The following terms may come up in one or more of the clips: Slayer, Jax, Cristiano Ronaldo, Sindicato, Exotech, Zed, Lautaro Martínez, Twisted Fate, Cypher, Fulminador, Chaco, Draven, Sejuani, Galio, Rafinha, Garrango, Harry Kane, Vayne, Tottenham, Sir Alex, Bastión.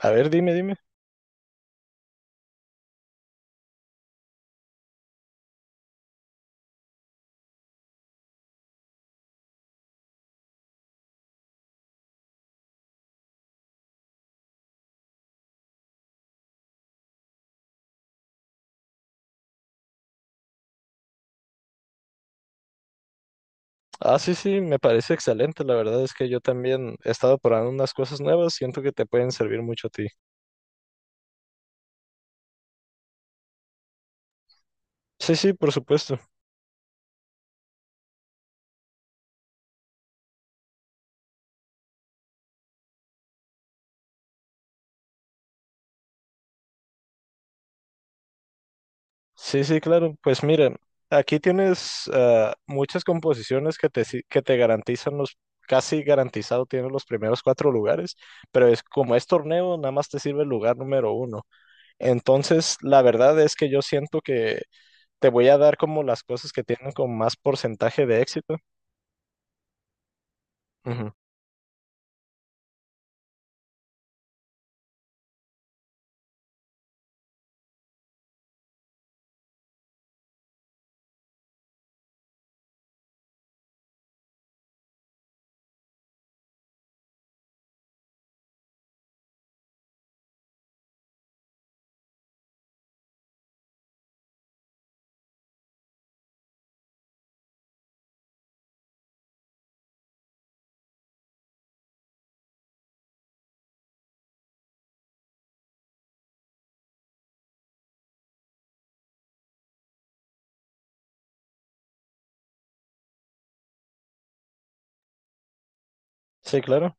A ver, dime, dime. Ah, sí, sí, me parece excelente. La verdad es que yo también he estado probando unas cosas nuevas. Siento que te pueden servir mucho a ti. Sí, sí, por supuesto. Sí, sí, claro. Pues mira, aquí tienes muchas composiciones que te, si- que te garantizan los, casi garantizado tienes los primeros cuatro lugares, pero es como es torneo, nada más te sirve el lugar número uno. Entonces, la verdad es que yo siento que te voy a dar como las cosas que tienen con más porcentaje de éxito. Ujú. Sí, claro.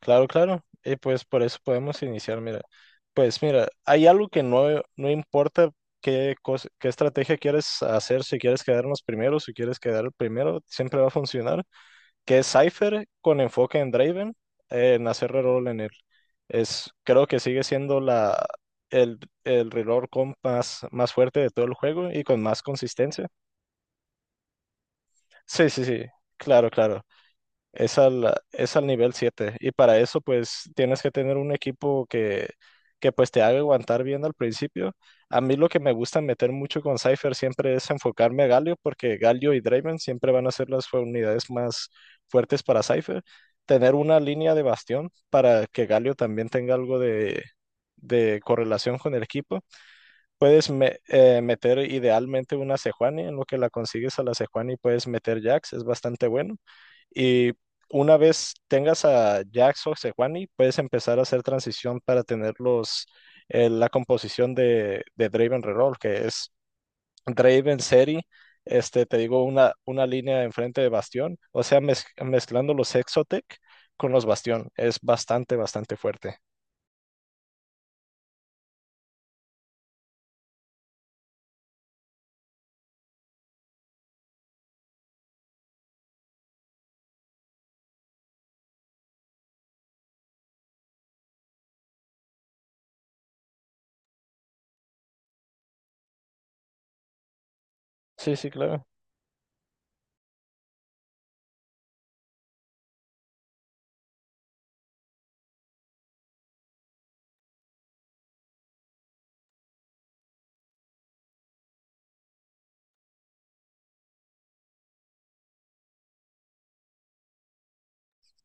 Claro, claro. Y pues por eso podemos iniciar, mira. Pues mira, hay algo que no, no importa qué estrategia quieres hacer, si quieres quedar primero, siempre va a funcionar, que es Cypher con enfoque en Draven, en hacer reroll en él. Es, creo que sigue siendo la, el reroll comp más, más fuerte de todo el juego y con más consistencia. Sí, sí, sí, claro, claro. Es al nivel 7 y para eso pues tienes que tener un equipo que pues te haga aguantar bien al principio. A mí lo que me gusta meter mucho con Cypher siempre es enfocarme a Galio porque Galio y Draven siempre van a ser las unidades más fuertes para Cypher. Tener una línea de bastión para que Galio también tenga algo de, correlación con el equipo. Puedes meter idealmente una Sejuani; en lo que la consigues a la Sejuani puedes meter Jax, es bastante bueno. Y una vez tengas a Jax o Sejuani, puedes empezar a hacer transición para tener la composición de Draven Reroll, que es Draven Seri, este, te digo, una línea enfrente de Bastión, o sea, mezclando los Exotech con los Bastión, es bastante, bastante fuerte. Sí, sí, claro.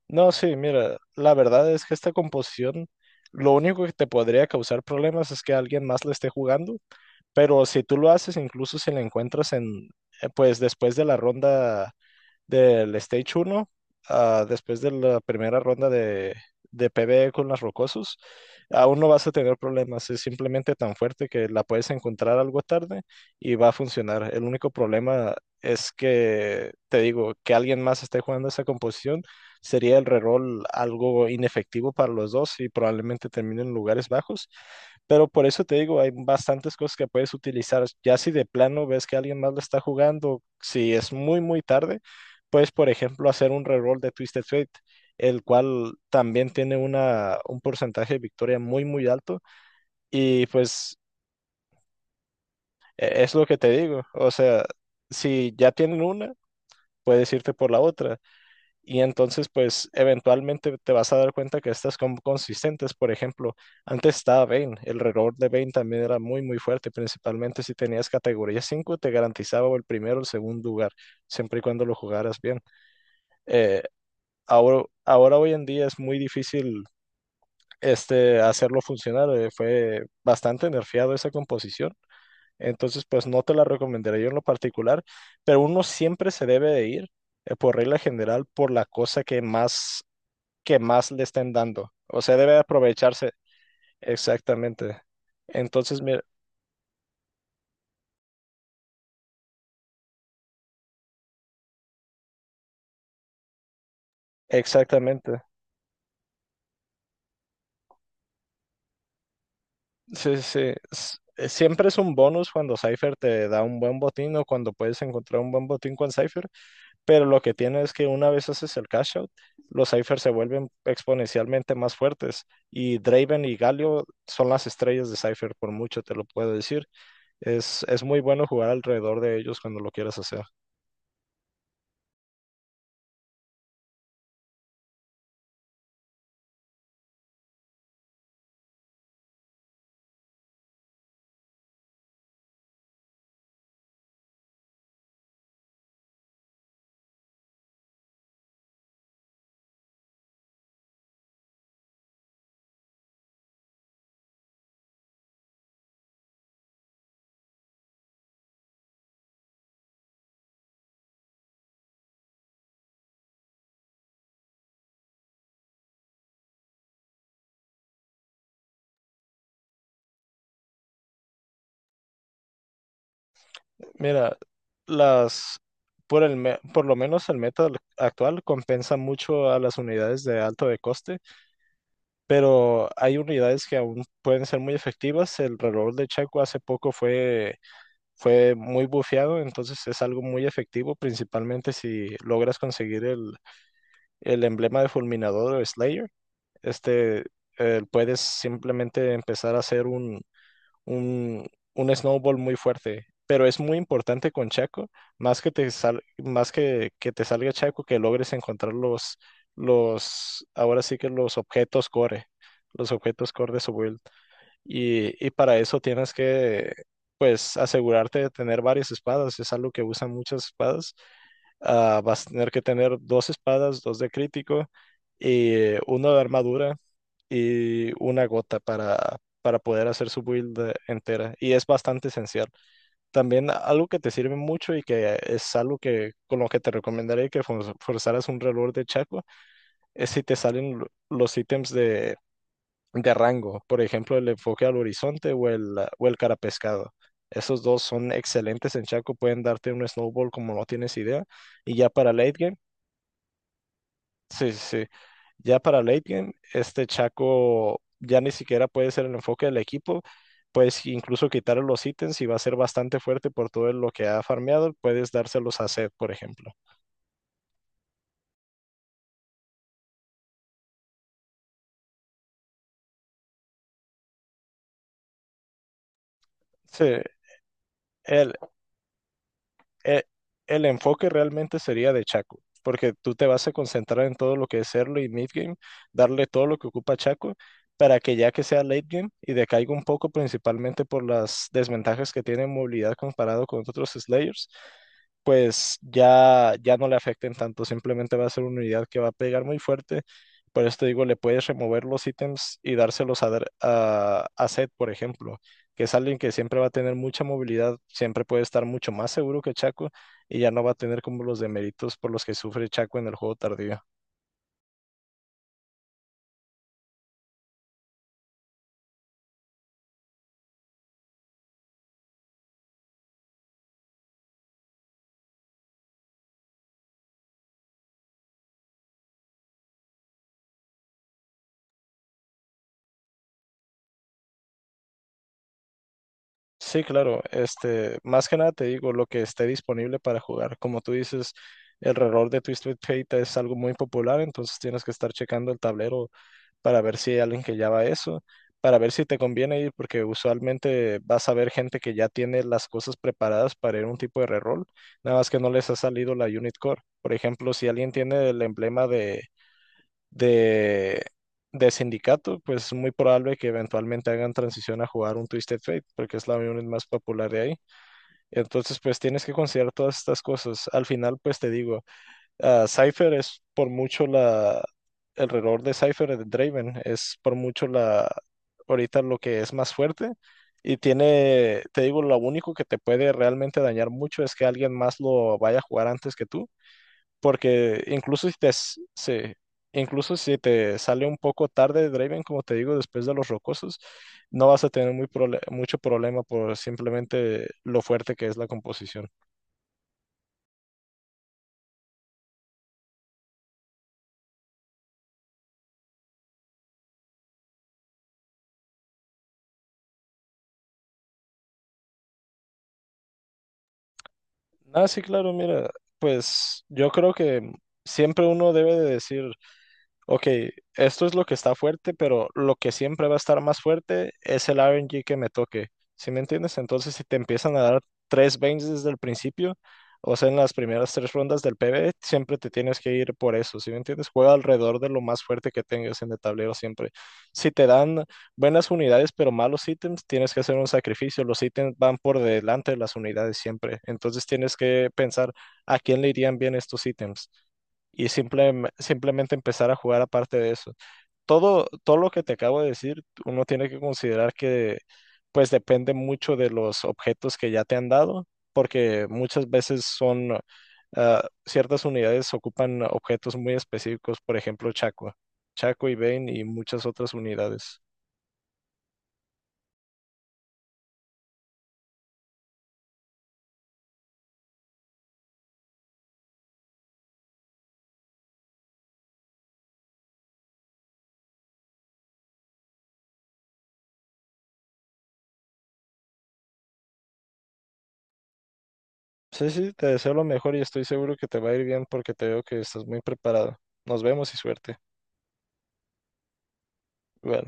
No, sí, mira, la verdad es que esta composición, lo único que te podría causar problemas es que alguien más la esté jugando, pero si tú lo haces, incluso si la encuentras en, pues después de la ronda del Stage uno, después de la primera ronda de PvE con las rocosos, aún no vas a tener problemas. Es simplemente tan fuerte que la puedes encontrar algo tarde y va a funcionar. El único problema es que, te digo, que alguien más esté jugando esa composición sería el reroll algo inefectivo para los dos y probablemente terminen en lugares bajos. Pero por eso te digo, hay bastantes cosas que puedes utilizar. Ya si de plano ves que alguien más lo está jugando, si es muy, muy tarde, puedes, por ejemplo, hacer un reroll de Twisted Fate, el cual también tiene un porcentaje de victoria muy, muy alto. Y pues es lo que te digo. O sea, si ya tienen una, puedes irte por la otra. Y entonces, pues, eventualmente te vas a dar cuenta que estas son consistentes. Por ejemplo, antes estaba Vayne. El reroll de Vayne también era muy, muy fuerte. Principalmente si tenías categoría 5 te garantizaba o el primero o el segundo lugar, siempre y cuando lo jugaras bien. Eh, ahora, hoy en día es muy difícil, este, hacerlo funcionar. Fue bastante nerfeado esa composición. Entonces, pues no te la recomendaría yo en lo particular, pero uno siempre se debe de ir, por regla general, por la cosa que más, le estén dando. O sea, debe aprovecharse. Exactamente. Entonces, mira, exactamente. Sí, sí. Sí. Siempre es un bonus cuando Cypher te da un buen botín o cuando puedes encontrar un buen botín con Cypher, pero lo que tiene es que una vez haces el cash out, los ciphers se vuelven exponencialmente más fuertes y Draven y Galio son las estrellas de Cypher, por mucho te lo puedo decir. Es muy bueno jugar alrededor de ellos cuando lo quieras hacer. Mira, las, por lo menos el meta actual compensa mucho a las unidades de alto de coste, pero hay unidades que aún pueden ser muy efectivas. El reloj de Checo hace poco fue muy bufeado, entonces es algo muy efectivo, principalmente si logras conseguir el, emblema de Fulminador o Slayer. Este, puedes simplemente empezar a hacer un, un snowball muy fuerte. Pero es muy importante con Chaco, más que te salga Chaco, que logres encontrar ahora sí que los objetos core de su build. Y para eso tienes que, pues, asegurarte de tener varias espadas. Es algo que usan muchas espadas. Vas a tener que tener dos espadas, dos de crítico y uno de armadura y una gota para poder hacer su build entera. Y es bastante esencial. También algo que te sirve mucho y que es algo que con lo que te recomendaría que forzaras un reloj de Chaco es si te salen los ítems de Garrango, por ejemplo, el enfoque al horizonte o o el carapescado. Esos dos son excelentes en Chaco, pueden darte un snowball como no tienes idea. Y ya para late game, sí, sí, sí, ya para late game, este Chaco ya ni siquiera puede ser el enfoque del equipo. Puedes incluso quitarle los ítems y va a ser bastante fuerte por todo lo que ha farmeado. Puedes dárselos a Zed, por ejemplo. Sí, el, eh, el enfoque realmente sería de Chaco, porque tú te vas a concentrar en todo lo que es early y mid game, darle todo lo que ocupa Chaco, para que ya que sea late game y decaiga un poco, principalmente por las desventajas que tiene en movilidad comparado con otros Slayers, pues ya, ya no le afecten tanto, simplemente va a ser una unidad que va a pegar muy fuerte. Por esto digo, le puedes remover los ítems y dárselos a Zed, por ejemplo, que es alguien que siempre va a tener mucha movilidad, siempre puede estar mucho más seguro que Chaco y ya no va a tener como los deméritos por los que sufre Chaco en el juego tardío. Sí, claro, este, más que nada te digo, lo que esté disponible para jugar. Como tú dices, el reloj de Twisted Fate es algo muy popular, entonces tienes que estar checando el tablero para ver si hay alguien que ya va a eso, para ver si te conviene ir, porque usualmente vas a ver gente que ya tiene las cosas preparadas para ir a un tipo de reroll, nada más que no les ha salido la unit core. Por ejemplo, si alguien tiene el emblema de, de, de sindicato, pues es muy probable que eventualmente hagan transición a jugar un Twisted Fate, porque es la unit más popular de ahí. Entonces, pues tienes que considerar todas estas cosas. Al final, pues te digo. Cypher es por mucho la... El reloj de Cypher de Draven es por mucho la... Ahorita lo que es más fuerte. Y tiene, te digo, lo único que te puede realmente dañar mucho es que alguien más lo vaya a jugar antes que tú. Porque incluso si te sale un poco tarde Draven, como te digo, después de los rocosos, no vas a tener mucho problema por simplemente lo fuerte que es la composición. Ah, sí, claro, mira, pues yo creo que siempre uno debe de decir: Ok, esto es lo que está fuerte, pero lo que siempre va a estar más fuerte es el RNG que me toque. ¿Sí me entiendes? Entonces, si te empiezan a dar tres veins desde el principio, o sea, en las primeras tres rondas del PvE, siempre te tienes que ir por eso. ¿Sí me entiendes? Juega alrededor de lo más fuerte que tengas en el tablero siempre. Si te dan buenas unidades, pero malos ítems, tienes que hacer un sacrificio. Los ítems van por delante de las unidades siempre. Entonces, tienes que pensar a quién le irían bien estos ítems y simplemente empezar a jugar aparte de eso. Todo, todo lo que te acabo de decir, uno tiene que considerar que pues depende mucho de los objetos que ya te han dado, porque muchas veces son ciertas unidades ocupan objetos muy específicos, por ejemplo, Chaco, Chaco y Bane y muchas otras unidades. Sí, sí, te deseo lo mejor y estoy seguro que te va a ir bien porque te veo que estás muy preparado. Nos vemos y suerte. Igual.